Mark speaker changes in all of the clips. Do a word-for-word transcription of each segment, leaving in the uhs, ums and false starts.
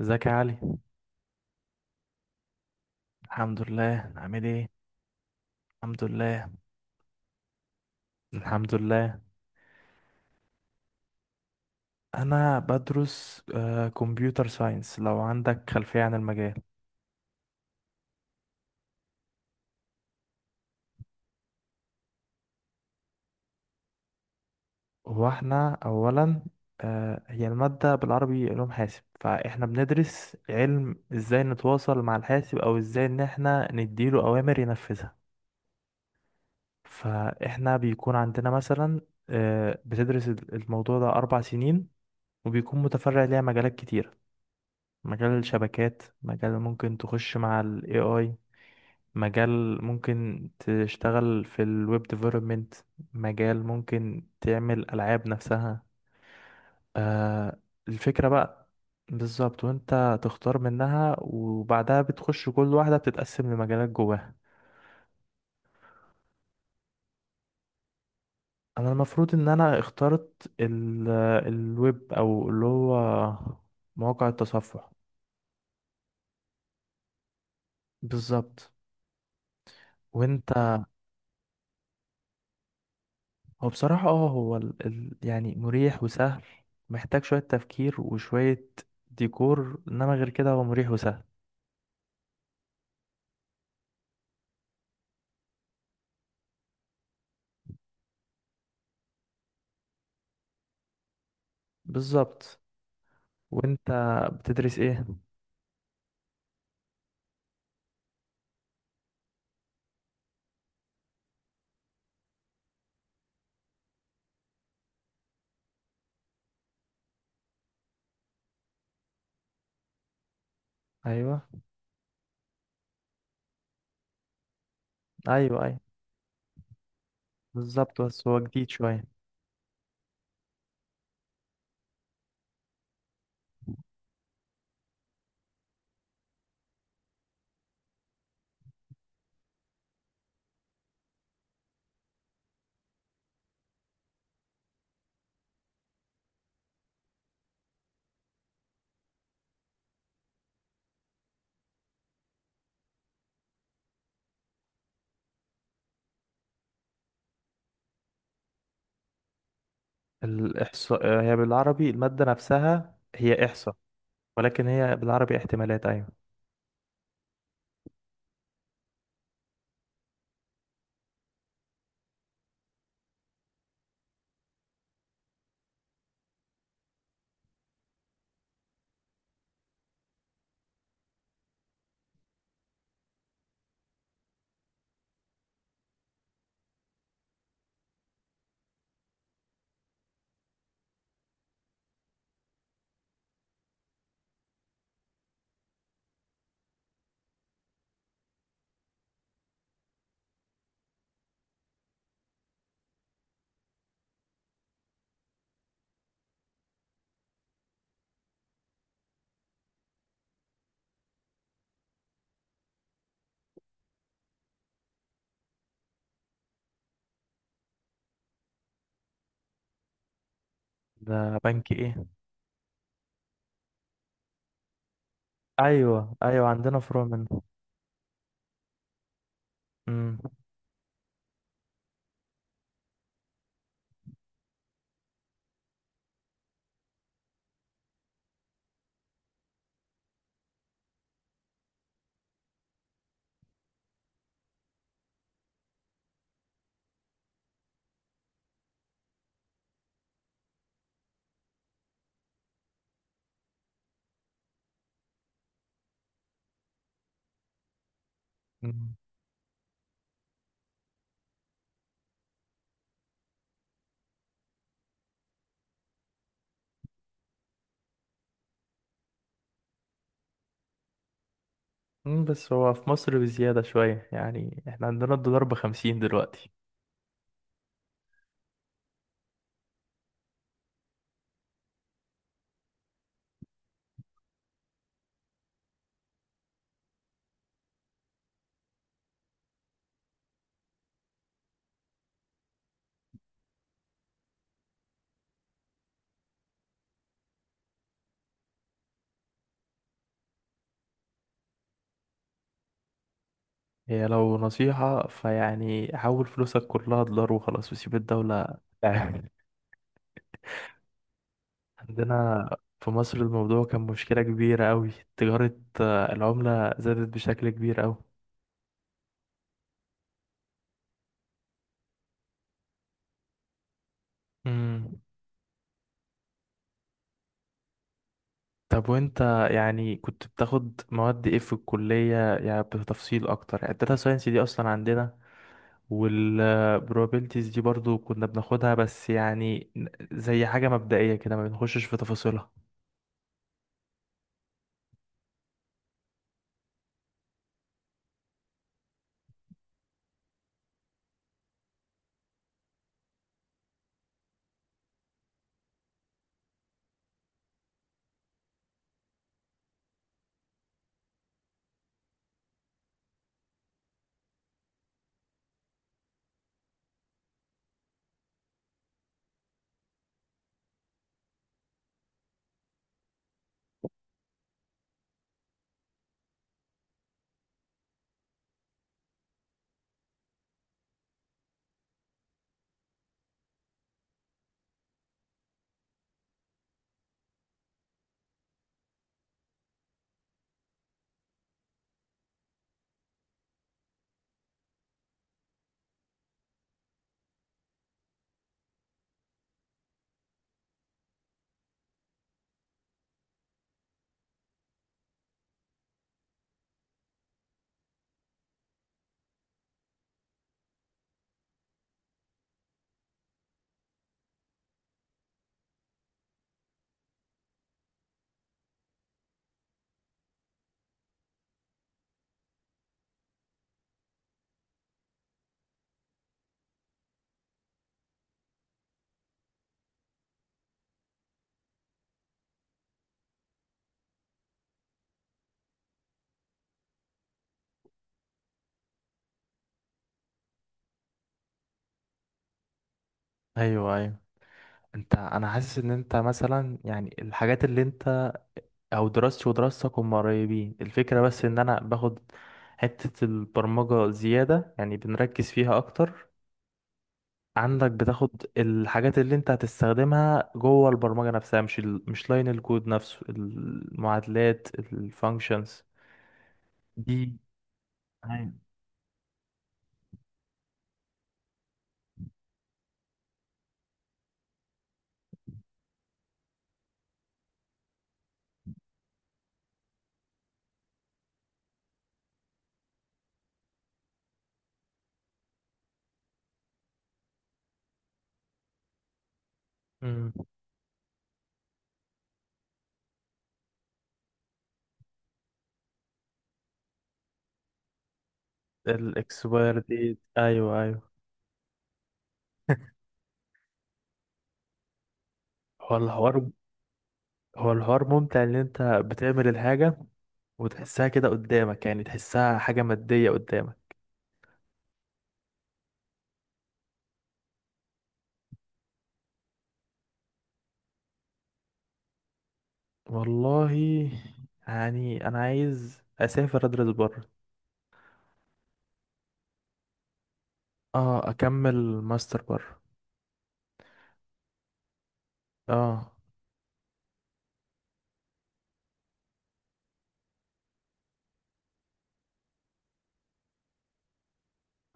Speaker 1: ازيك يا علي؟ الحمد لله، عامل ايه؟ الحمد لله. الحمد لله. انا بدرس كمبيوتر ساينس. لو عندك خلفية عن المجال. هو احنا اولا، آه، هي المادة بالعربي علوم حاسب، فاحنا بندرس علم ازاي نتواصل مع الحاسب او ازاي ان احنا نديله اوامر ينفذها. فاحنا بيكون عندنا مثلا، آه، بتدرس الموضوع ده اربع سنين وبيكون متفرع ليها مجالات كتير. مجال الشبكات، مجال ممكن تخش مع ال A I، مجال ممكن تشتغل في ال Web Development، مجال ممكن تعمل ألعاب نفسها. آه الفكرة بقى. بالظبط، وانت تختار منها وبعدها بتخش كل واحدة بتتقسم لمجالات جواها. انا المفروض ان انا اخترت ال الويب، او اللي هو مواقع التصفح. بالظبط. وانت. هو بصراحة اه هو ال... ال... يعني مريح وسهل. محتاج شوية تفكير وشوية ديكور، انما غير كده هو مريح وسهل. بالظبط. وانت بتدرس ايه؟ ايوه، ايوه، ايوه. بالظبط، بس هو جديد شوية. الاحصاء، هي بالعربي المادة نفسها هي احصاء. ولكن هي بالعربي احتمالات، ايوه. ده بنك ايه؟ ايوه، ايوه، عندنا فروع منه. امم. أمم. أمم، بس هو في مصر بزيادة شوية، يعني احنا عندنا الدولار بخمسين دلوقتي. هي لو نصيحة، فيعني حول فلوسك كلها دولار وخلاص وسيب الدولة. آه. عندنا في مصر الموضوع كان مشكلة كبيرة أوي. تجارة، آه، العملة زادت بشكل كبير أوي. امم. طب، وانت يعني كنت بتاخد مواد ايه في الكلية؟ يعني بتفصيل اكتر. يعني الداتا ساينس دي اصلا عندنا، والبروبابيلتيز دي برضو كنا بناخدها، بس يعني زي حاجة مبدئية كده ما بنخشش في تفاصيلها. ايوه، ايوه. انت، انا حاسس ان انت مثلا يعني الحاجات اللي انت، او دراستي ودراستك هم قريبين الفكرة، بس ان انا باخد حتة البرمجة زيادة يعني بنركز فيها اكتر. عندك بتاخد الحاجات اللي انت هتستخدمها جوه البرمجة نفسها، مش ال... مش لاين الكود نفسه، المعادلات الفانكشنز دي. ايوه. الاكسباير ديت، ايوه، ايوه. هو الحوار هو الحوار ممتع ان انت بتعمل الحاجة وتحسها كده قدامك، يعني تحسها حاجة مادية قدامك. والله، يعني أنا عايز أسافر أدرس بره. اه أكمل ماستر بره. اه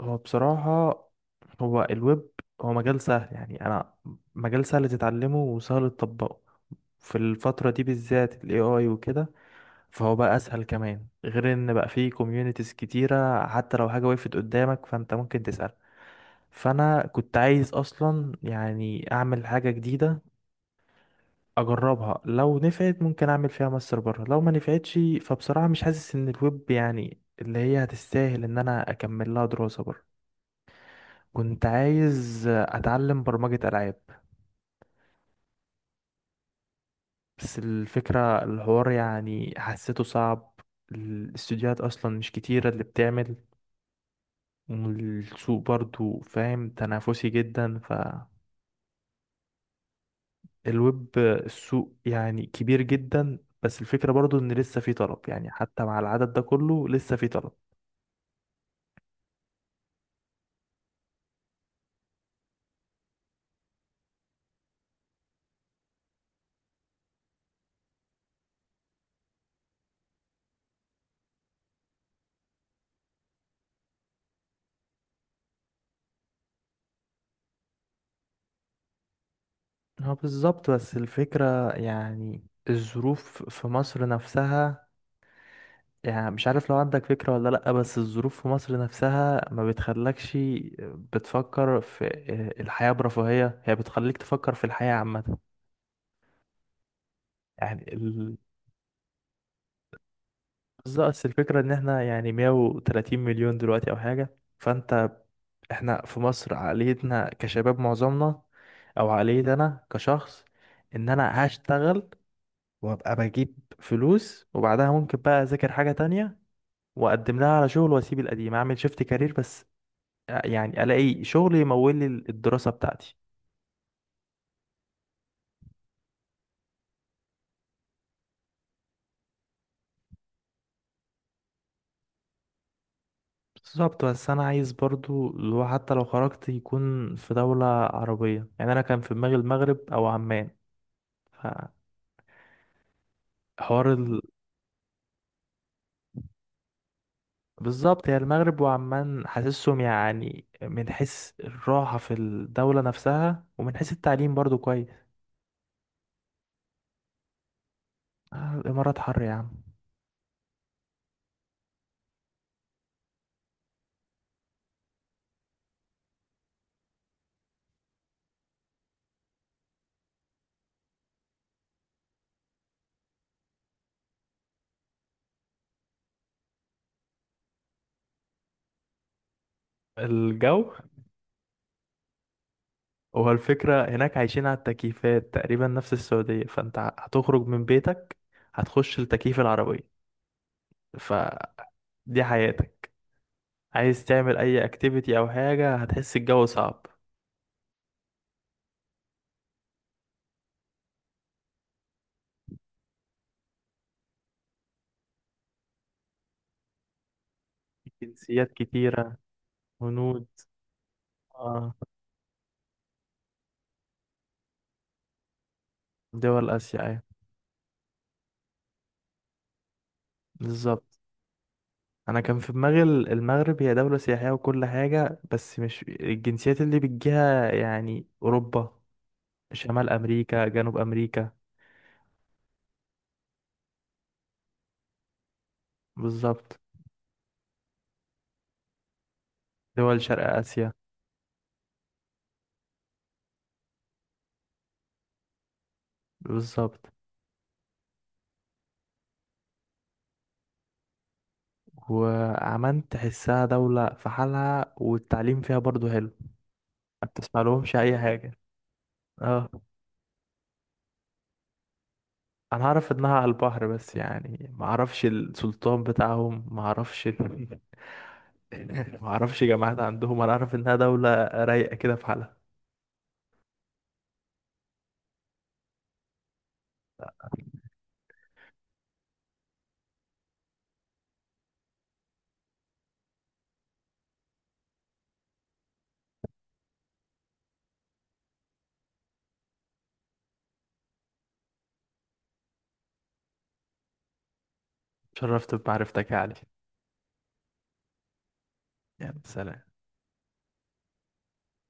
Speaker 1: هو بصراحة هو الويب هو مجال سهل. يعني أنا مجال سهل تتعلمه وسهل تطبقه. في الفترة دي بالذات ال ايه آي وكده، فهو بقى أسهل كمان، غير إن بقى فيه كوميونيتيز كتيرة، حتى لو حاجة وقفت قدامك فأنت ممكن تسأل. فانا كنت عايز اصلا يعني اعمل حاجه جديده اجربها، لو نفعت ممكن اعمل فيها ماستر بره، لو ما نفعتش فبصراحة مش حاسس ان الويب يعني اللي هي هتستاهل ان انا اكمل لها دراسة بره. كنت عايز اتعلم برمجة العاب، بس الفكرة الحوار يعني حسيته صعب. الاستوديوهات اصلا مش كتيرة اللي بتعمل، والسوق برضو فاهم تنافسي جدا فالويب. السوق يعني كبير جدا، بس الفكرة برضو ان لسه في طلب، يعني حتى مع العدد ده كله لسه في طلب. اه، بالظبط، بس الفكرة يعني الظروف في مصر نفسها، يعني مش عارف لو عندك فكرة ولا لأ، بس الظروف في مصر نفسها ما بتخلكش بتفكر في آه، الحياة برفاهية، هي بتخليك تفكر في الحياة عامة. يعني ال... بس بس الفكرة ان احنا يعني مئة وثلاثين مليون دلوقتي او حاجة، فانت احنا في مصر عقليتنا كشباب معظمنا، او عقلية انا كشخص، ان انا هشتغل وابقى بجيب فلوس وبعدها ممكن بقى اذاكر حاجة تانية واقدم لها على شغل واسيب القديم اعمل شيفت كارير، بس يعني الاقي شغل يمول لي الدراسة بتاعتي. بالظبط، بس انا عايز برضو لو حتى لو خرجت يكون في دولة عربية، يعني انا كان في دماغي المغرب او عمان. فحوار ال... بالظبط، هي المغرب وعمان حاسسهم يعني من حيث الراحة في الدولة نفسها، ومن حيث التعليم برضو كويس. آه، الامارات حر يا عم. الجو. هو الفكرة هناك عايشين على التكييفات تقريبا نفس السعودية، فانت ه- هتخرج من بيتك هتخش التكييف العربية، فدي حياتك. عايز تعمل اي اكتيفيتي او حاجة هتحس الجو صعب. جنسيات كتيرة. هنود. اه، دول اسيا، ايوه. بالظبط، انا كان في دماغي ال- المغرب هي دولة سياحية وكل حاجة، بس مش الجنسيات اللي بتجيها يعني اوروبا شمال امريكا جنوب امريكا. بالظبط. دول شرق اسيا. بالظبط، وعمان تحسها دولة في حالها والتعليم فيها برضو حلو. ما بتسمع لهمش أي حاجة. اه، أنا أعرف إنها على البحر، بس يعني ما أعرفش السلطان بتاعهم، ما أعرفش ال... ما أعرفش جامعات عندهم، أنا أعرف إنها دولة رايقة كده في حالها. شرفت بمعرفتك يا علي. يلا سلام.